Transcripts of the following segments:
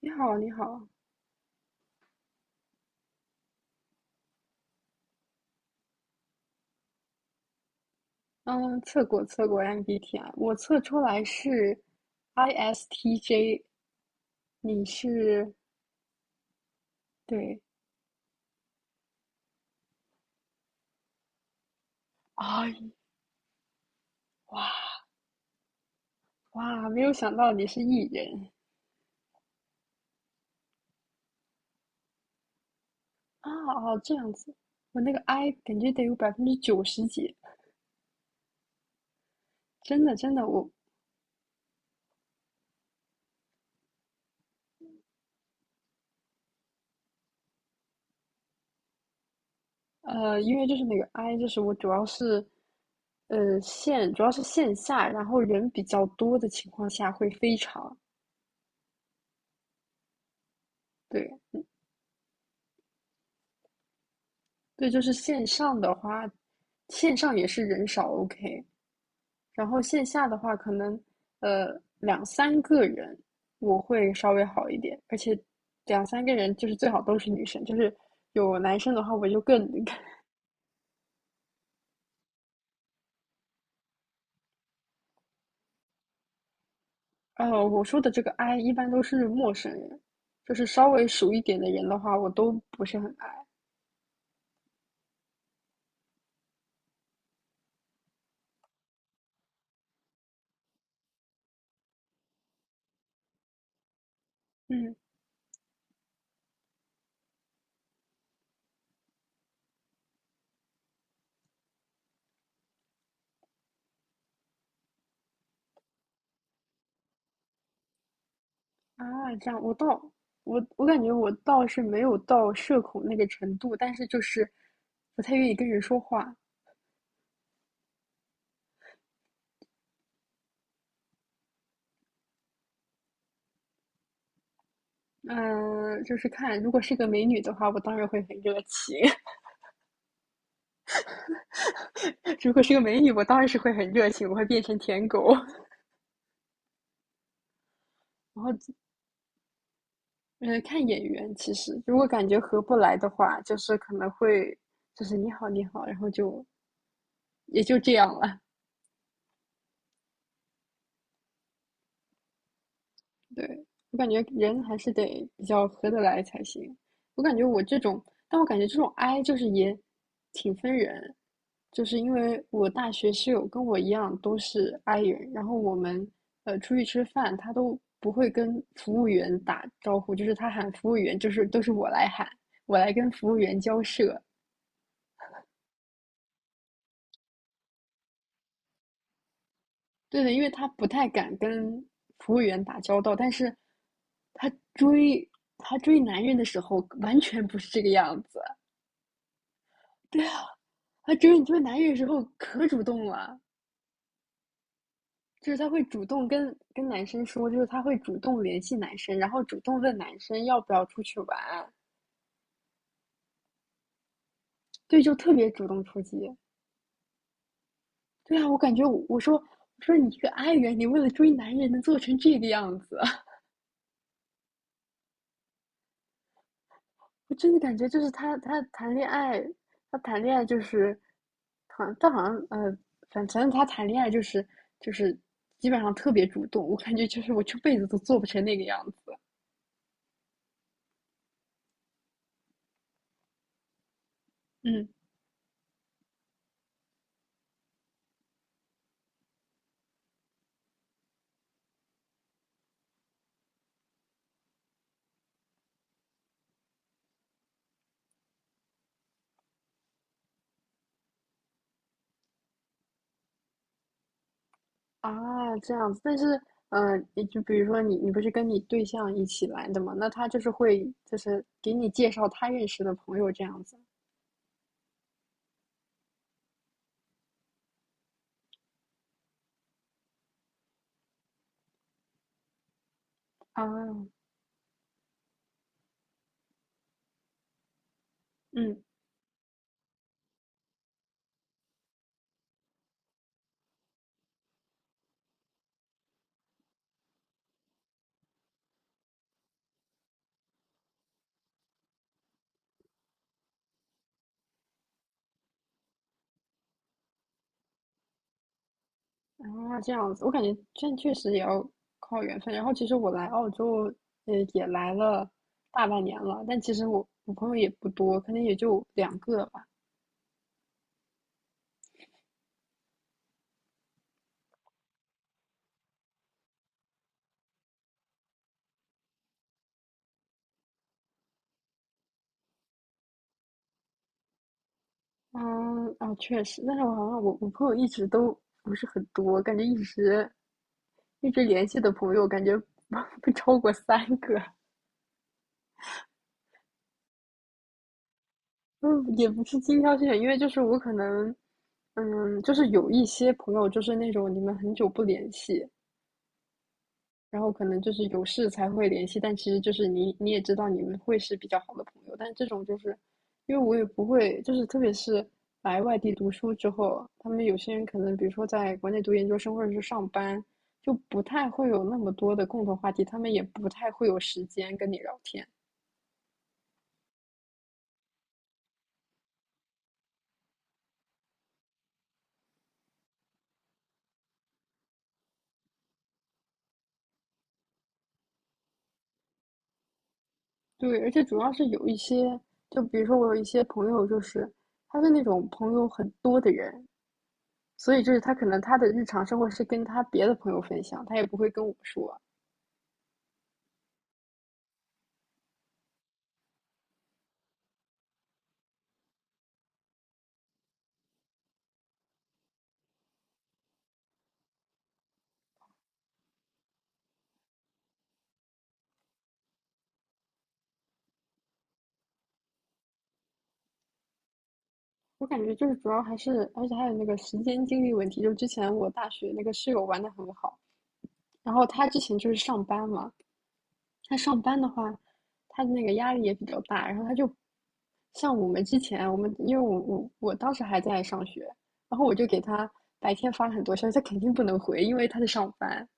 你好，你好。嗯，测过 MBTI，我测出来是 ISTJ。你是，对。哎，哇哇，没有想到你是 E 人啊。哦，这样子。我那个 I 感觉得有90%几，真的，我因为就是那个 I，就是我主要是主要是线下，然后人比较多的情况下会非常。对对，就是线上的话，线上也是人少，OK。然后线下的话，可能呃两三个人我会稍微好一点，而且两三个人就是最好都是女生，就是有男生的话我就更。我说的这个 I 一般都是陌生人，就是稍微熟一点的人的话，我都不是很爱。嗯。啊，这样我倒，我感觉我倒是没有到社恐那个程度，但是就是不太愿意跟人说话。嗯、就是看如果是个美女的话，我当然会很热情。如果是个美女，我当然是会很热情，我会变成舔狗。然后，呃，看眼缘，其实如果感觉合不来的话，就是可能会，就是你好你好，然后就也就这样了。对，我感觉人还是得比较合得来才行。我感觉我这种，但我感觉这种 I 就是也挺分人，就是因为我大学室友跟我一样都是 I 人，然后我们出去吃饭，他都不会跟服务员打招呼，就是他喊服务员，就是都是我来喊，我来跟服务员交涉。对的，因为他不太敢跟服务员打交道，但是他追他追男人的时候完全不是这个样子。对啊，他追你这个男人的时候可主动了，就是他会主动跟男生说，就是他会主动联系男生，然后主动问男生要不要出去玩。对，就特别主动出击。对啊，我感觉我说你一个爱人，你为了追男人能做成这个样子。我真的感觉就是他谈恋爱，他谈恋爱就是，好像他好像反正他谈恋爱就是，就是基本上特别主动，我感觉就是我这辈子都做不成那个样子。嗯。啊，这样子，但是，嗯，你就比如说你，你不是跟你对象一起来的嘛？那他就是会，就是给你介绍他认识的朋友这样子。啊，嗯，啊，这样子，我感觉这确实也要靠缘分。然后，其实我来澳洲，呃，也来了大半年了，但其实我朋友也不多，可能也就2个吧。嗯，啊，确实，但是我好像我朋友一直都不是很多，感觉一直联系的朋友，感觉 不超过3个。嗯，也不是精挑细选，因为就是我可能，嗯，就是有一些朋友就是那种你们很久不联系，然后可能就是有事才会联系，但其实就是你也知道你们会是比较好的朋友，但这种就是因为我也不会，就是特别是来外地读书之后，他们有些人可能比如说在国内读研究生或者是上班，就不太会有那么多的共同话题，他们也不太会有时间跟你聊天。对，而且主要是有一些，就比如说我有一些朋友，就是他是那种朋友很多的人，所以就是他可能他的日常生活是跟他别的朋友分享，他也不会跟我说。我感觉就是主要还是，而且还有那个时间精力问题。就之前我大学那个室友玩的很好，然后他之前就是上班嘛。他上班的话，他的那个压力也比较大，然后他就像我们之前，我们因为我当时还在上学，然后我就给他白天发了很多消息，他肯定不能回，因为他在上班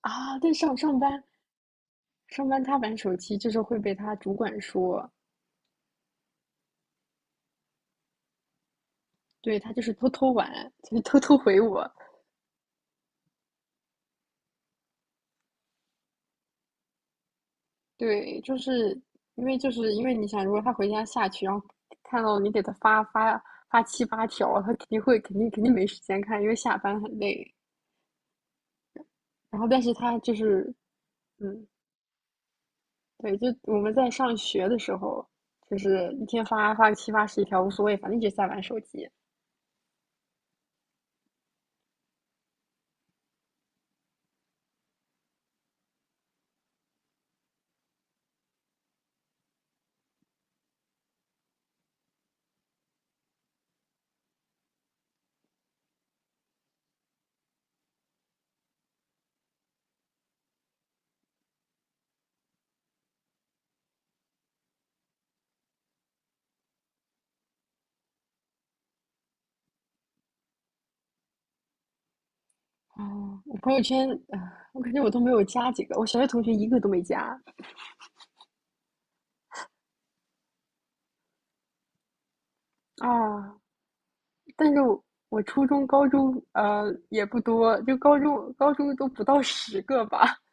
啊。对，上班他玩手机，就是会被他主管说，对他就是偷偷玩，就是偷偷回我。对，就是因为你想，如果他回家下去，然后看到你给他发7、8条，他肯定会肯定肯定没时间看，因为下班很累。然后但是他就是，嗯，对，就我们在上学的时候，就是一天发个7、80+1条无所谓，反正一直在玩手机。哦，我朋友圈，啊我感觉我都没有加几个，我小学同学一个都没加啊。但是我初中、高中，呃，也不多，就高中都不到十个吧。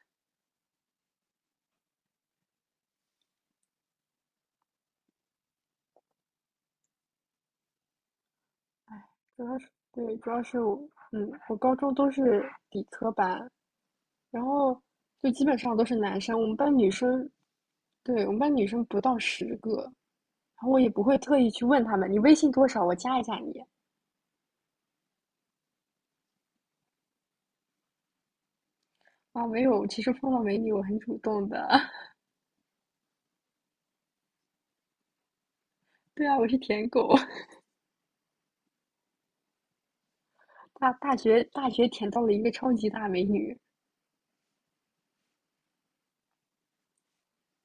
哎主要是对，主要是我，嗯，我高中都是理科班，然后就基本上都是男生，我们班女生，对，我们班女生不到十个，然后我也不会特意去问他们，你微信多少，我加一下你。啊，没有，其实碰到美女我很主动的。对啊，我是舔狗，大学舔到了一个超级大美女。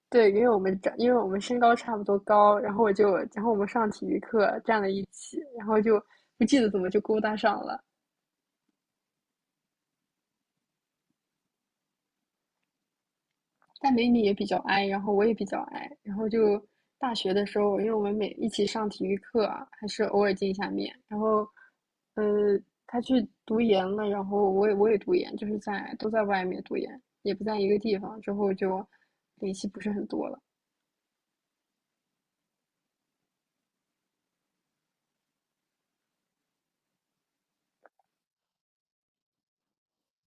对，因为我们长，因为我们身高差不多高，然后我就，然后我们上体育课站在一起，然后就不记得怎么就勾搭上了，但美女也比较 i，然后我也比较 i，然后就大学的时候，因为我们每一起上体育课啊，还是偶尔见一下面。然后，呃，他去读研了，然后我也读研，就是在都在外面读研，也不在一个地方，之后就联系不是很多了。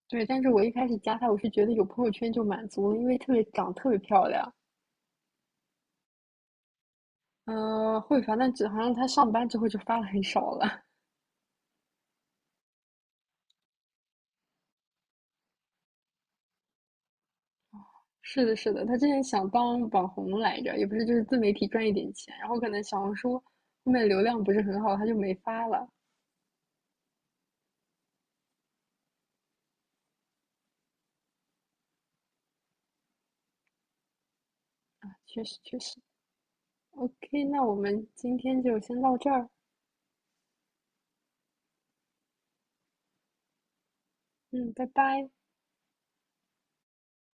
对，但是我一开始加他，我是觉得有朋友圈就满足了，因为特别长得特别漂亮。呃，会，反正只好像他上班之后就发的很少了。是的，是的，他之前想当网红来着，也不是就是自媒体赚一点钱，然后可能小红书后面流量不是很好，他就没发了。确实，确实。OK，那我们今天就先到这儿。嗯，拜拜。